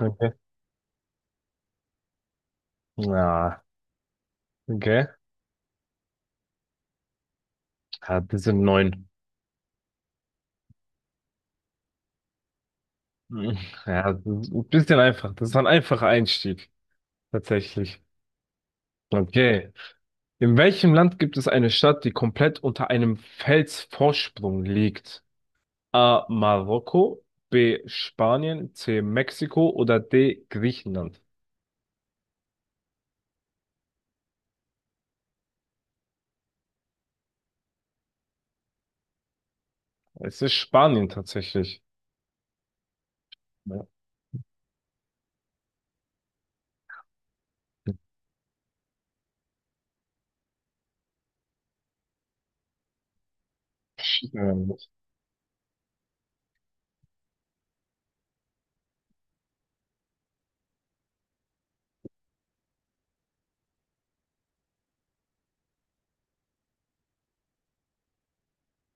Okay. Na, okay. Ja, das sind neun. Ja, das ist ein bisschen einfach. Das ist ein einfacher Einstieg. Tatsächlich. Okay. In welchem Land gibt es eine Stadt, die komplett unter einem Felsvorsprung liegt? A. Marokko, B. Spanien, C. Mexiko oder D. Griechenland? Es ist Spanien tatsächlich. Ja.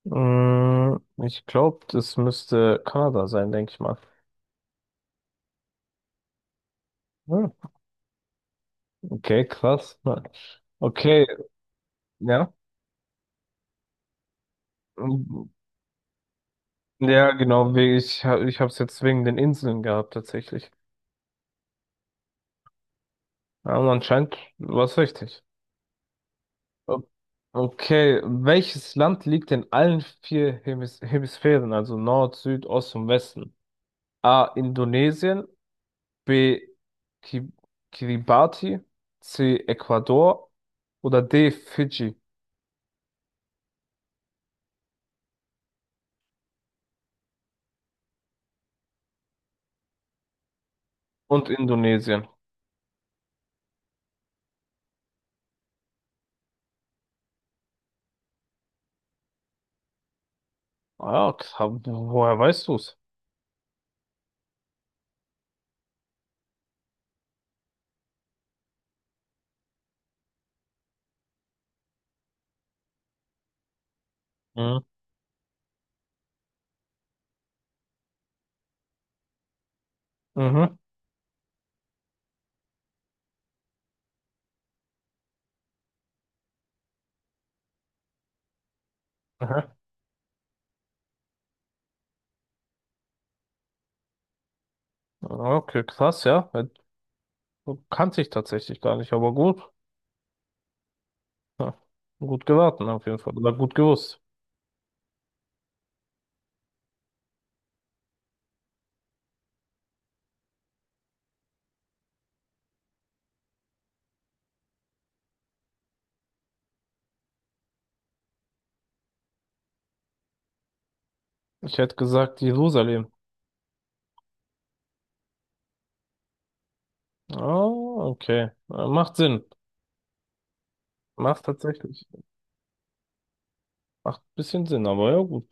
Mm, ich glaube, das müsste Kanada sein, denke ich mal. Ah, okay, krass. Okay, ja. Mhm. Ja, genau, ich habe es jetzt wegen den Inseln gehabt tatsächlich. Aber anscheinend war es richtig. O- Okay, welches Land liegt in allen vier Hemisphären, also Nord, Süd, Ost und Westen? A. Indonesien, B. Ki Kiribati, C. Ecuador oder D. Fidschi und Indonesien. Ah, ja, woher weißt du's? Mhm. Mhm. Aha. Okay, krass, ja. Kannte ich tatsächlich gar nicht, aber gut. Ja, gut geraten auf jeden Fall. Oder gut gewusst. Ich hätte gesagt Jerusalem. Ah, okay. Macht Sinn. Macht tatsächlich. Macht ein bisschen Sinn, aber ja gut.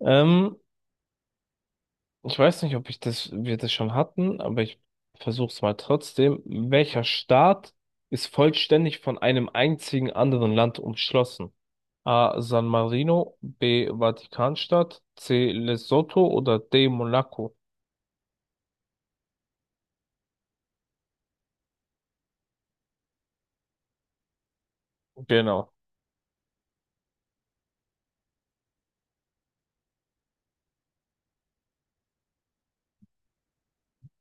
Ähm, ich weiß nicht, ob ich das, wir das schon hatten, aber ich versuche es mal trotzdem. Welcher Staat ist vollständig von einem einzigen anderen Land umschlossen? A. San Marino, B. Vatikanstadt, C. Lesotho oder D. Monaco? Genau.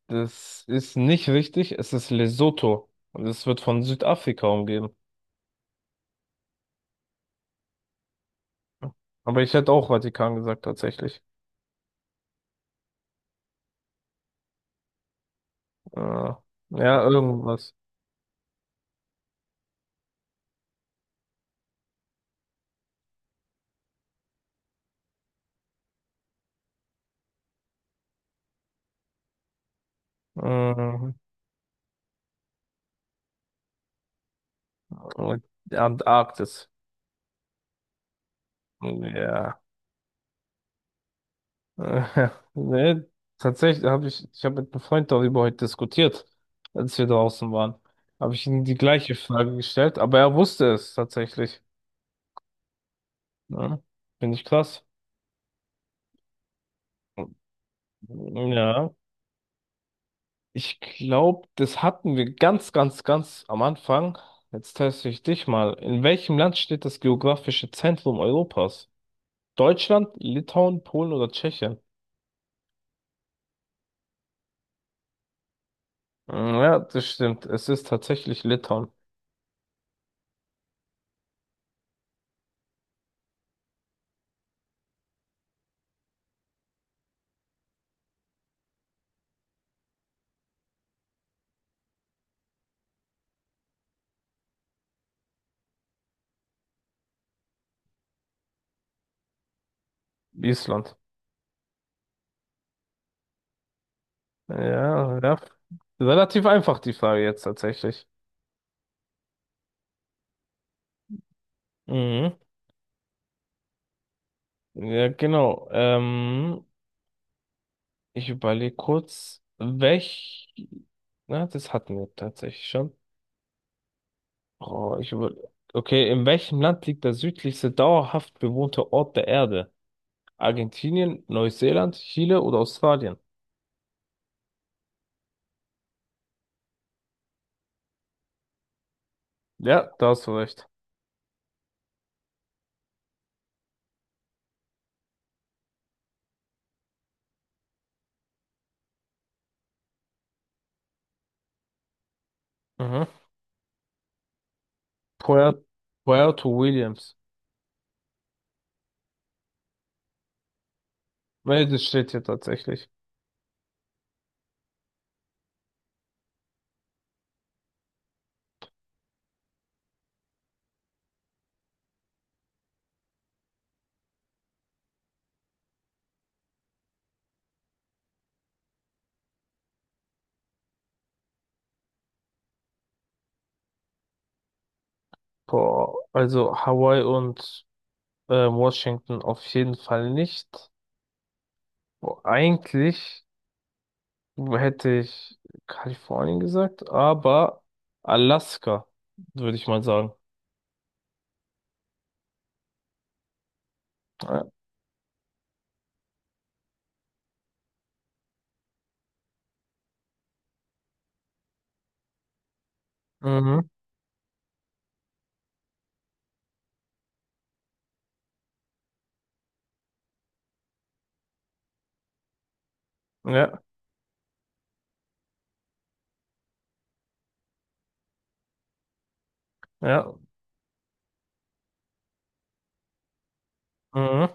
Das ist nicht richtig, es ist Lesotho und es wird von Südafrika umgeben. Aber ich hätte auch Vatikan gesagt, tatsächlich. Äh, ja, irgendwas. Mhm. Und Antarktis. Ja. Äh, Nee, tatsächlich ich habe mit einem Freund darüber heute diskutiert, als wir draußen waren. Habe ich ihm die gleiche Frage gestellt, aber er wusste es tatsächlich. Ja. Finde ich krass. Ja. Ich glaube, das hatten wir ganz, ganz, ganz am Anfang. Jetzt teste ich dich mal. In welchem Land steht das geografische Zentrum Europas? Deutschland, Litauen, Polen oder Tschechien? Mm, Ja, das stimmt. Es ist tatsächlich Litauen. Island. Ja, ja. Relativ einfach die Frage jetzt tatsächlich. Mhm. Ja, genau. Ich überlege kurz. Na, das hatten wir tatsächlich schon. Oh. Okay, in welchem Land liegt der südlichste dauerhaft bewohnte Ort der Erde? Argentinien, Neuseeland, Chile oder Australien? Ja, da hast du recht. Mhm. Puer- Puerto Williams. Nee, das steht hier tatsächlich. Boah, also Hawaii und Washington auf jeden Fall nicht. Boah, eigentlich hätte ich Kalifornien gesagt, aber Alaska, würde ich mal sagen. Ja. Mhm. Ja, ja. Mhm.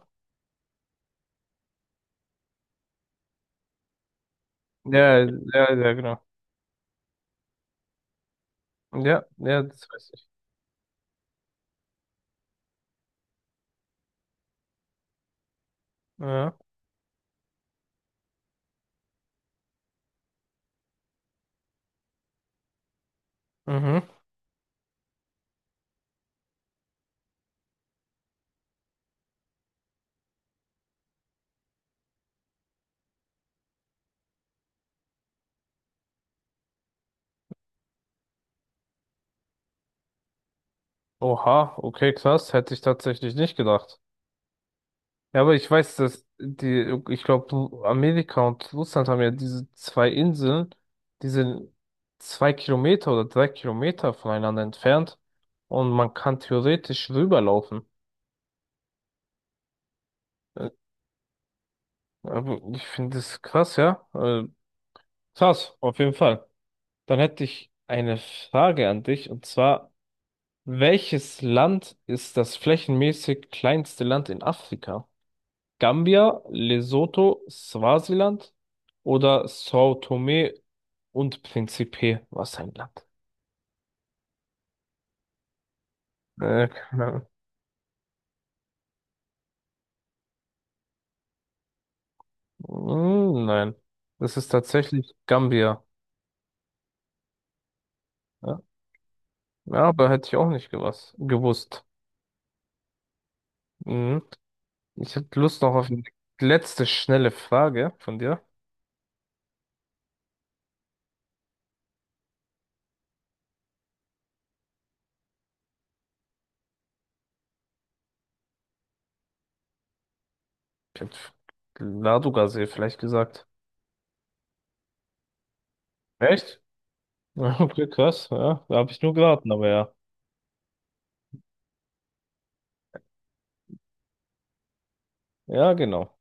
Ja, ja, ja, genau. Ja, ja, das weiß ich. Ja. Mhm. Oha, okay, krass, hätte ich tatsächlich nicht gedacht. Ja, aber ich weiß, dass die, ich glaube, Amerika und Russland haben ja diese zwei Inseln, die sind 2 Kilometer oder 3 Kilometer voneinander entfernt, und man kann theoretisch rüberlaufen. Äh, Aber ich finde das krass, ja. Krass, auf jeden Fall. Dann hätte ich eine Frage an dich, und zwar: welches Land ist das flächenmäßig kleinste Land in Afrika? Gambia, Lesotho, Swasiland oder São Tomé und Príncipe? Was ein Land. Keine Ahnung. Nein, das ist tatsächlich Gambia. Ja, ja, aber hätte ich auch nicht gewusst. Mhm. Ich hätte Lust noch auf eine letzte schnelle Frage von dir. Ich hätte Ladoga-See vielleicht gesagt. Echt? Okay, krass. Ja, da habe ich nur geraten, aber ja. Ja, genau.